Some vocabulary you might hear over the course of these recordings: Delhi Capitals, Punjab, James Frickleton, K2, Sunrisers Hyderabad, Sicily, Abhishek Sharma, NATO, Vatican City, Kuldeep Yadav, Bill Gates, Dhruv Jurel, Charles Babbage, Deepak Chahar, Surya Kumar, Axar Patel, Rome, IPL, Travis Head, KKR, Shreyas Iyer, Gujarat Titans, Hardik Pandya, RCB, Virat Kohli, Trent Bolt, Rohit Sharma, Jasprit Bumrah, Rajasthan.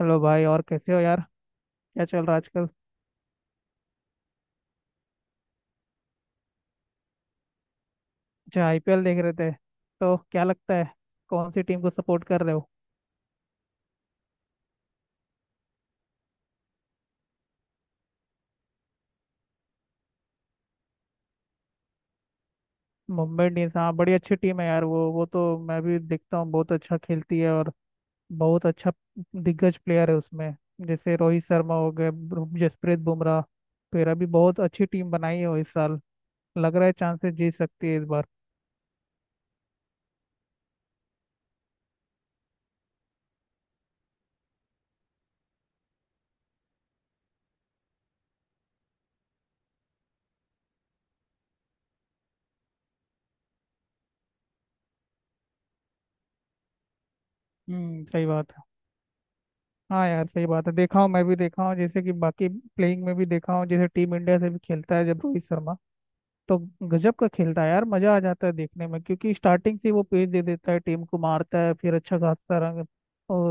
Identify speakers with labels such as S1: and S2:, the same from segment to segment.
S1: Hello भाई, और कैसे हो यार। क्या चल रहा है आजकल। अच्छा, आईपीएल देख रहे थे। तो क्या लगता है, कौन सी टीम को सपोर्ट कर रहे हो। मुंबई इंडियंस, हाँ, बड़ी अच्छी टीम है यार, वो तो मैं भी देखता हूँ, बहुत अच्छा खेलती है, और बहुत अच्छा दिग्गज प्लेयर है उसमें। जैसे रोहित शर्मा हो गए, जसप्रीत बुमराह, तो ये भी बहुत अच्छी टीम बनाई है वो इस साल। लग रहा है चांसेस जीत सकती है इस बार। सही बात है। हाँ यार सही बात है, देखा हूँ, मैं भी देखा हूँ, जैसे कि बाकी प्लेइंग में भी देखा हूँ, जैसे टीम इंडिया से भी खेलता है जब रोहित शर्मा, तो गजब का खेलता है यार, मजा आ जाता है देखने में क्योंकि स्टार्टिंग से ही वो पेस दे देता है टीम को, मारता है फिर अच्छा खासा रन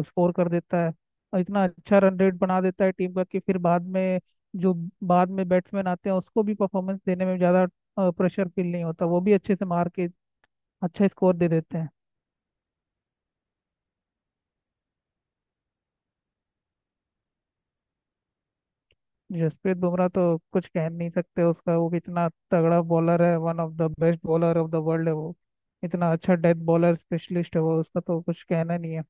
S1: स्कोर कर देता है। और इतना अच्छा रन रेट बना देता है टीम का कि फिर बाद में, जो बाद में बैट्समैन आते हैं उसको भी परफॉर्मेंस देने में ज्यादा प्रेशर फील नहीं होता, वो भी अच्छे से मार के अच्छा स्कोर दे देते हैं। जसप्रीत बुमराह तो कुछ कह नहीं सकते उसका, वो कितना तगड़ा बॉलर है, one of the best bowler of the world है वो। इतना अच्छा डेथ बॉलर स्पेशलिस्ट है वो, उसका तो कुछ कहना नहीं है।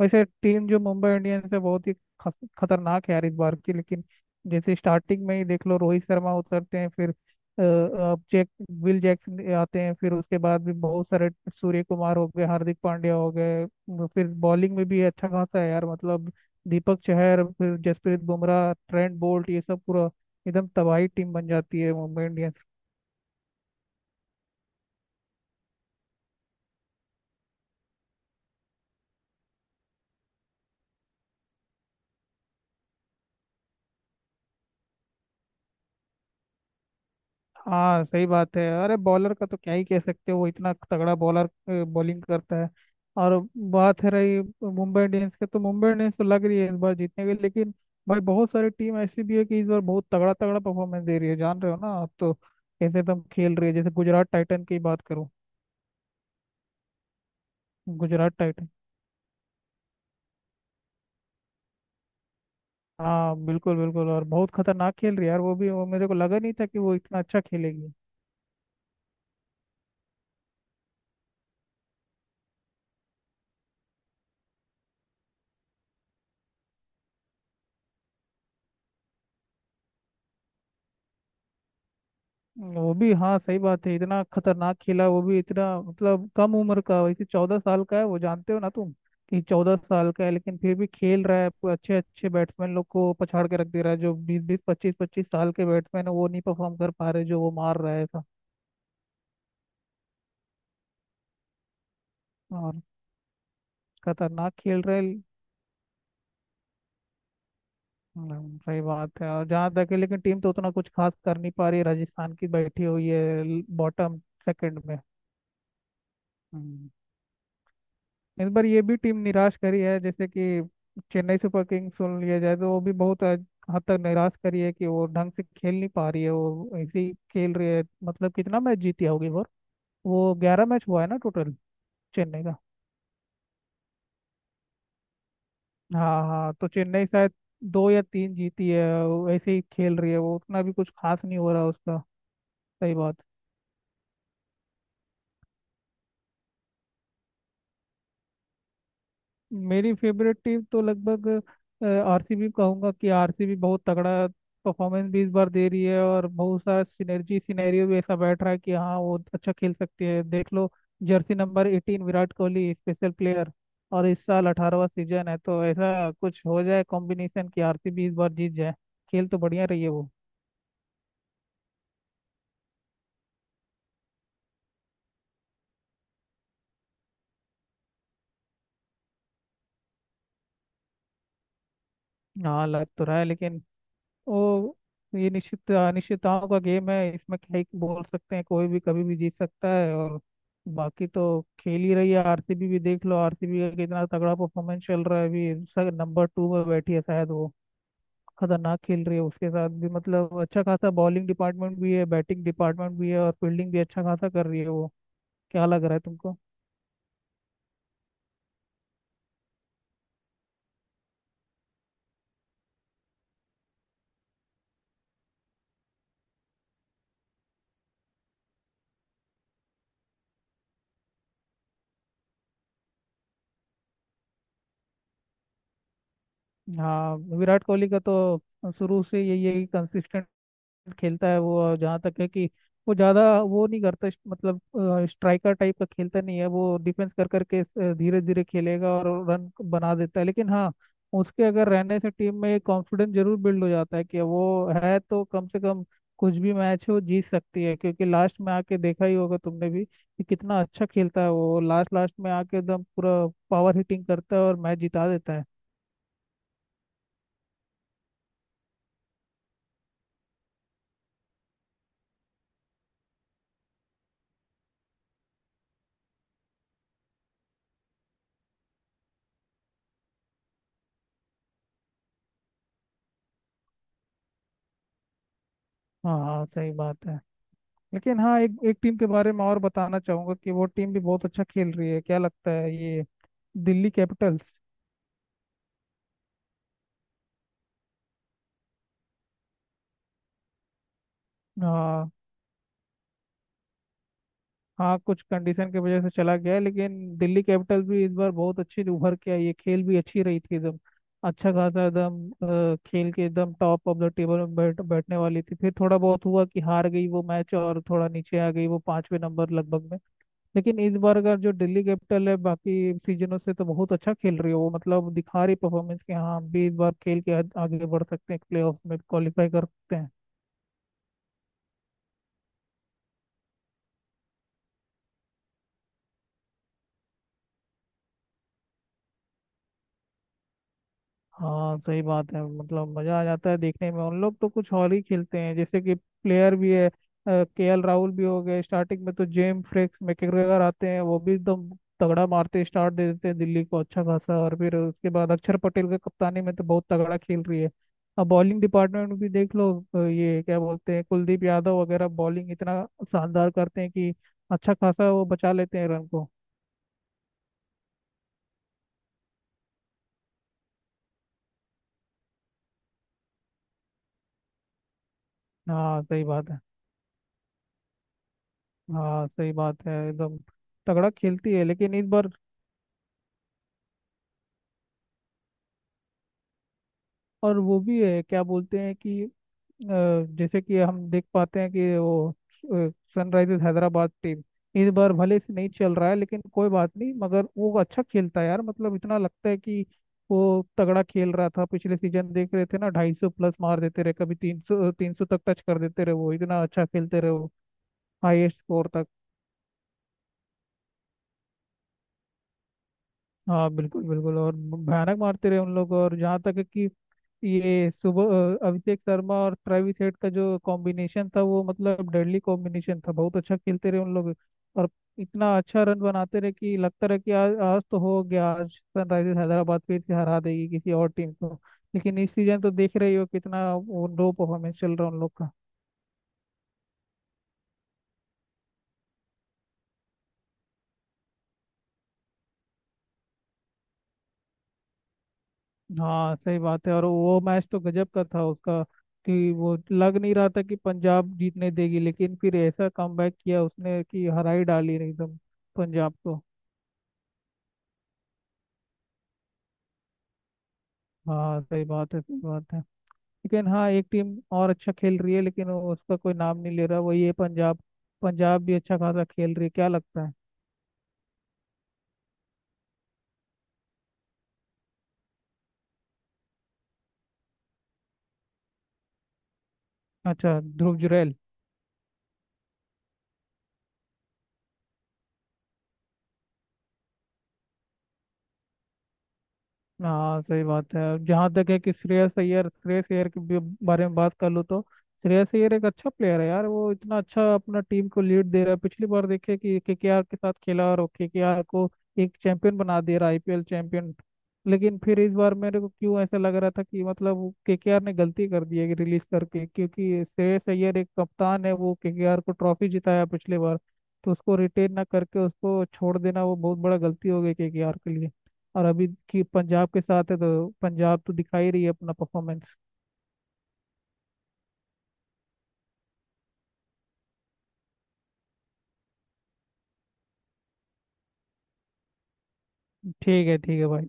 S1: वैसे टीम जो मुंबई इंडियंस है बहुत ही खतरनाक है यार इस बार की। लेकिन जैसे स्टार्टिंग में ही देख लो, रोहित शर्मा उतरते हैं, फिर अ, अ, जैक विल जैक्सन आते हैं, फिर उसके बाद भी बहुत सारे, सूर्य कुमार हो गए, हार्दिक पांड्या हो गए। वो फिर बॉलिंग में भी अच्छा खासा है यार मतलब, दीपक चहर फिर जसप्रीत बुमराह ट्रेंट बोल्ट, ये सब पूरा एकदम तबाही टीम बन जाती है मुंबई इंडियंस। हाँ सही बात है, अरे बॉलर का तो क्या ही कह सकते हो, वो इतना तगड़ा बॉलर बॉलिंग करता है। और बात है रही मुंबई इंडियंस के, तो मुंबई इंडियंस तो लग रही है इस बार जीतने के। लेकिन भाई बहुत सारी टीम ऐसी भी है कि इस बार बहुत तगड़ा तगड़ा परफॉर्मेंस दे रही है, जान रहे हो ना आप, तो कैसे एकदम खेल रही है, जैसे गुजरात टाइटन की बात करूँ। गुजरात टाइटन, हाँ, बिल्कुल बिल्कुल, और बहुत खतरनाक खेल रही है यार वो भी, वो मेरे को लगा नहीं था कि वो इतना अच्छा खेलेगी। वो भी हाँ सही बात है, इतना खतरनाक खेला वो भी, इतना मतलब कम उम्र का, वैसे 14 साल का है वो, जानते हो ना तुम कि 14 साल का है, लेकिन फिर भी खेल रहा है, पूरे अच्छे अच्छे बैट्समैन लोग को पछाड़ के रख दे रहा है। जो 20 20 25 25 साल के बैट्समैन है वो नहीं परफॉर्म कर पा रहे, जो वो मार रहा है था, और खतरनाक खेल रहे। सही बात है, और जहाँ तक है, लेकिन टीम तो उतना कुछ खास कर नहीं पा रही है राजस्थान की, बैठी हुई है बॉटम सेकंड में। हम्म, इस बार ये भी टीम निराश करी है, जैसे कि चेन्नई सुपर किंग्स सुन लिया जाए तो वो भी बहुत हद हद तक निराश करी है कि वो ढंग से खेल नहीं पा रही है, वो ऐसे ही खेल रही है, मतलब कितना मैच जीती होगी वो। वो 11 मैच हुआ है ना टोटल। चेन्नई का, हाँ हाँ, तो चेन्नई शायद दो या तीन जीती है, वो ऐसे ही खेल रही है, वो उतना भी कुछ खास नहीं हो रहा उसका, सही बात। मेरी फेवरेट टीम तो लगभग आरसीबी कहूंगा, कि आरसीबी बहुत तगड़ा परफॉर्मेंस भी इस बार दे रही है, और बहुत सारा सिनर्जी सिनेरियो भी ऐसा बैठ रहा है कि हाँ वो अच्छा खेल सकती है, देख लो jersey number 18 Virat Kohli, special player, और इस साल 18वाँ सीजन है, तो ऐसा कुछ हो जाए कॉम्बिनेशन कि आरसीबी इस बार जीत जाए। खेल तो बढ़िया रही है वो। हाँ लग तो रहा है, लेकिन ओ, ये निश्चित अनिश्चितताओं का गेम है, इसमें क्या ही बोल सकते हैं, कोई भी कभी भी जीत सकता है। और बाकी तो खेल ही रही है आरसीबी भी, देख लो आरसीबी का कितना तगड़ा परफॉर्मेंस चल रहा है अभी, सर नंबर 2 में बैठी है शायद वो, खतरनाक खेल रही है। उसके साथ भी मतलब अच्छा खासा बॉलिंग डिपार्टमेंट भी है, बैटिंग डिपार्टमेंट भी है, और फील्डिंग भी अच्छा खासा कर रही है वो। क्या लग रहा है तुमको। हाँ विराट कोहली का तो शुरू से यही है कि कंसिस्टेंट खेलता है वो, और जहाँ तक है कि वो ज़्यादा वो नहीं करता, मतलब स्ट्राइकर टाइप का खेलता नहीं है वो, डिफेंस कर करके धीरे धीरे खेलेगा और रन बना देता है। लेकिन हाँ, उसके अगर रहने से टीम में कॉन्फिडेंस जरूर बिल्ड हो जाता है, कि वो है तो कम से कम कुछ भी मैच है वो जीत सकती है, क्योंकि लास्ट में आके देखा ही होगा तुमने भी कि कितना अच्छा खेलता है वो, लास्ट लास्ट में आके एकदम पूरा पावर हिटिंग करता है और मैच जिता देता है। हाँ हाँ सही बात है। लेकिन हाँ, एक एक टीम के बारे में और बताना चाहूंगा कि वो टीम भी बहुत अच्छा खेल रही है, क्या लगता है, ये दिल्ली कैपिटल्स। हाँ, हाँ, कुछ कंडीशन की वजह से चला गया है, लेकिन दिल्ली कैपिटल्स भी इस बार बहुत अच्छी उभर के आई है, खेल भी अच्छी रही थी एकदम, अच्छा खासा एकदम खेल के एकदम टॉप ऑफ द टेबल में बैठने वाली थी, फिर थोड़ा बहुत हुआ कि हार गई वो मैच और थोड़ा नीचे आ गई वो, 5वें नंबर लगभग में। लेकिन इस बार का जो दिल्ली कैपिटल है बाकी सीजनों से तो बहुत अच्छा खेल रही है वो, मतलब दिखा रही परफॉर्मेंस कि हाँ हम भी इस बार खेल के आगे बढ़ सकते हैं, प्लेऑफ्स में क्वालिफाई कर सकते हैं। हाँ सही बात है, मतलब मजा आ जाता है देखने में, उन लोग तो कुछ और ही खेलते हैं, जैसे कि प्लेयर भी है, के एल राहुल भी हो गए, स्टार्टिंग में तो जेम फ्रिक्स मैकग्रेगर आते हैं, वो भी एकदम तगड़ा मारते स्टार्ट दे देते हैं दिल्ली को अच्छा खासा, और फिर उसके बाद अक्षर पटेल के कप्तानी में तो बहुत तगड़ा खेल रही है। अब बॉलिंग डिपार्टमेंट भी देख लो, ये क्या बोलते हैं, कुलदीप यादव वगैरह, बॉलिंग इतना शानदार करते हैं कि अच्छा खासा वो बचा लेते हैं रन को। हाँ सही बात है, हाँ सही बात है, एकदम तगड़ा खेलती है, लेकिन इस बार। और वो भी है क्या बोलते हैं कि, अ, जैसे कि हम देख पाते हैं कि वो सनराइजर्स हैदराबाद टीम इस बार भले से नहीं चल रहा है, लेकिन कोई बात नहीं, मगर वो अच्छा खेलता है यार, मतलब इतना लगता है कि वो तगड़ा खेल रहा था पिछले सीजन, देख रहे थे ना, 250 प्लस मार देते रहे, कभी 300 300 तक टच कर देते रहे, वो इतना अच्छा खेलते रहे वो, हाईएस्ट स्कोर तक। हाँ बिल्कुल बिल्कुल, और भयानक मारते रहे उन लोग, और जहाँ तक है कि ये सुबह अभिषेक शर्मा और ट्रेविस हेड का जो कॉम्बिनेशन था, वो मतलब डेडली कॉम्बिनेशन था, बहुत अच्छा खेलते रहे उन लोग, और इतना अच्छा रन बनाते रहे कि लगता रहा कि आज आज तो हो गया, आज सनराइजर्स हैदराबाद फिर से हरा देगी किसी और टीम को। लेकिन इस सीजन तो देख रही हो कितना वो लो परफॉर्मेंस चल रहा है उन लोग का। हाँ सही बात है, और वो मैच तो गजब का था उसका, कि वो लग नहीं रहा था कि पंजाब जीतने देगी, लेकिन फिर ऐसा कमबैक किया उसने कि हरा ही डाली एकदम पंजाब को। हाँ सही बात है, सही बात है। लेकिन हाँ एक टीम और अच्छा खेल रही है, लेकिन उसका कोई नाम नहीं ले रहा वो, ये पंजाब, पंजाब भी अच्छा खासा खेल रही है, क्या लगता है। अच्छा, ध्रुव जुरैल। हाँ सही बात है, जहाँ तक है कि श्रेयस अय्यर, श्रेयस अय्यर के भी बारे में बात कर लूँ तो श्रेयस अय्यर एक अच्छा प्लेयर है यार वो, इतना अच्छा अपना टीम को लीड दे रहा है, पिछली बार देखे कि केकेआर के साथ खेला और केकेआर को एक चैंपियन बना दे रहा, आईपीएल चैंपियन। लेकिन फिर इस बार मेरे को क्यों ऐसा लग रहा था कि मतलब केकेआर ने गलती कर दी है रिलीज करके, क्योंकि श्रेयस अय्यर एक कप्तान है, वो केकेआर को ट्रॉफी जिताया पिछले बार, तो उसको रिटेन ना करके उसको छोड़ देना वो बहुत बड़ा गलती हो गई केकेआर के लिए। और अभी की पंजाब के साथ है, तो पंजाब तो दिखा ही रही है अपना परफॉर्मेंस। ठीक है भाई।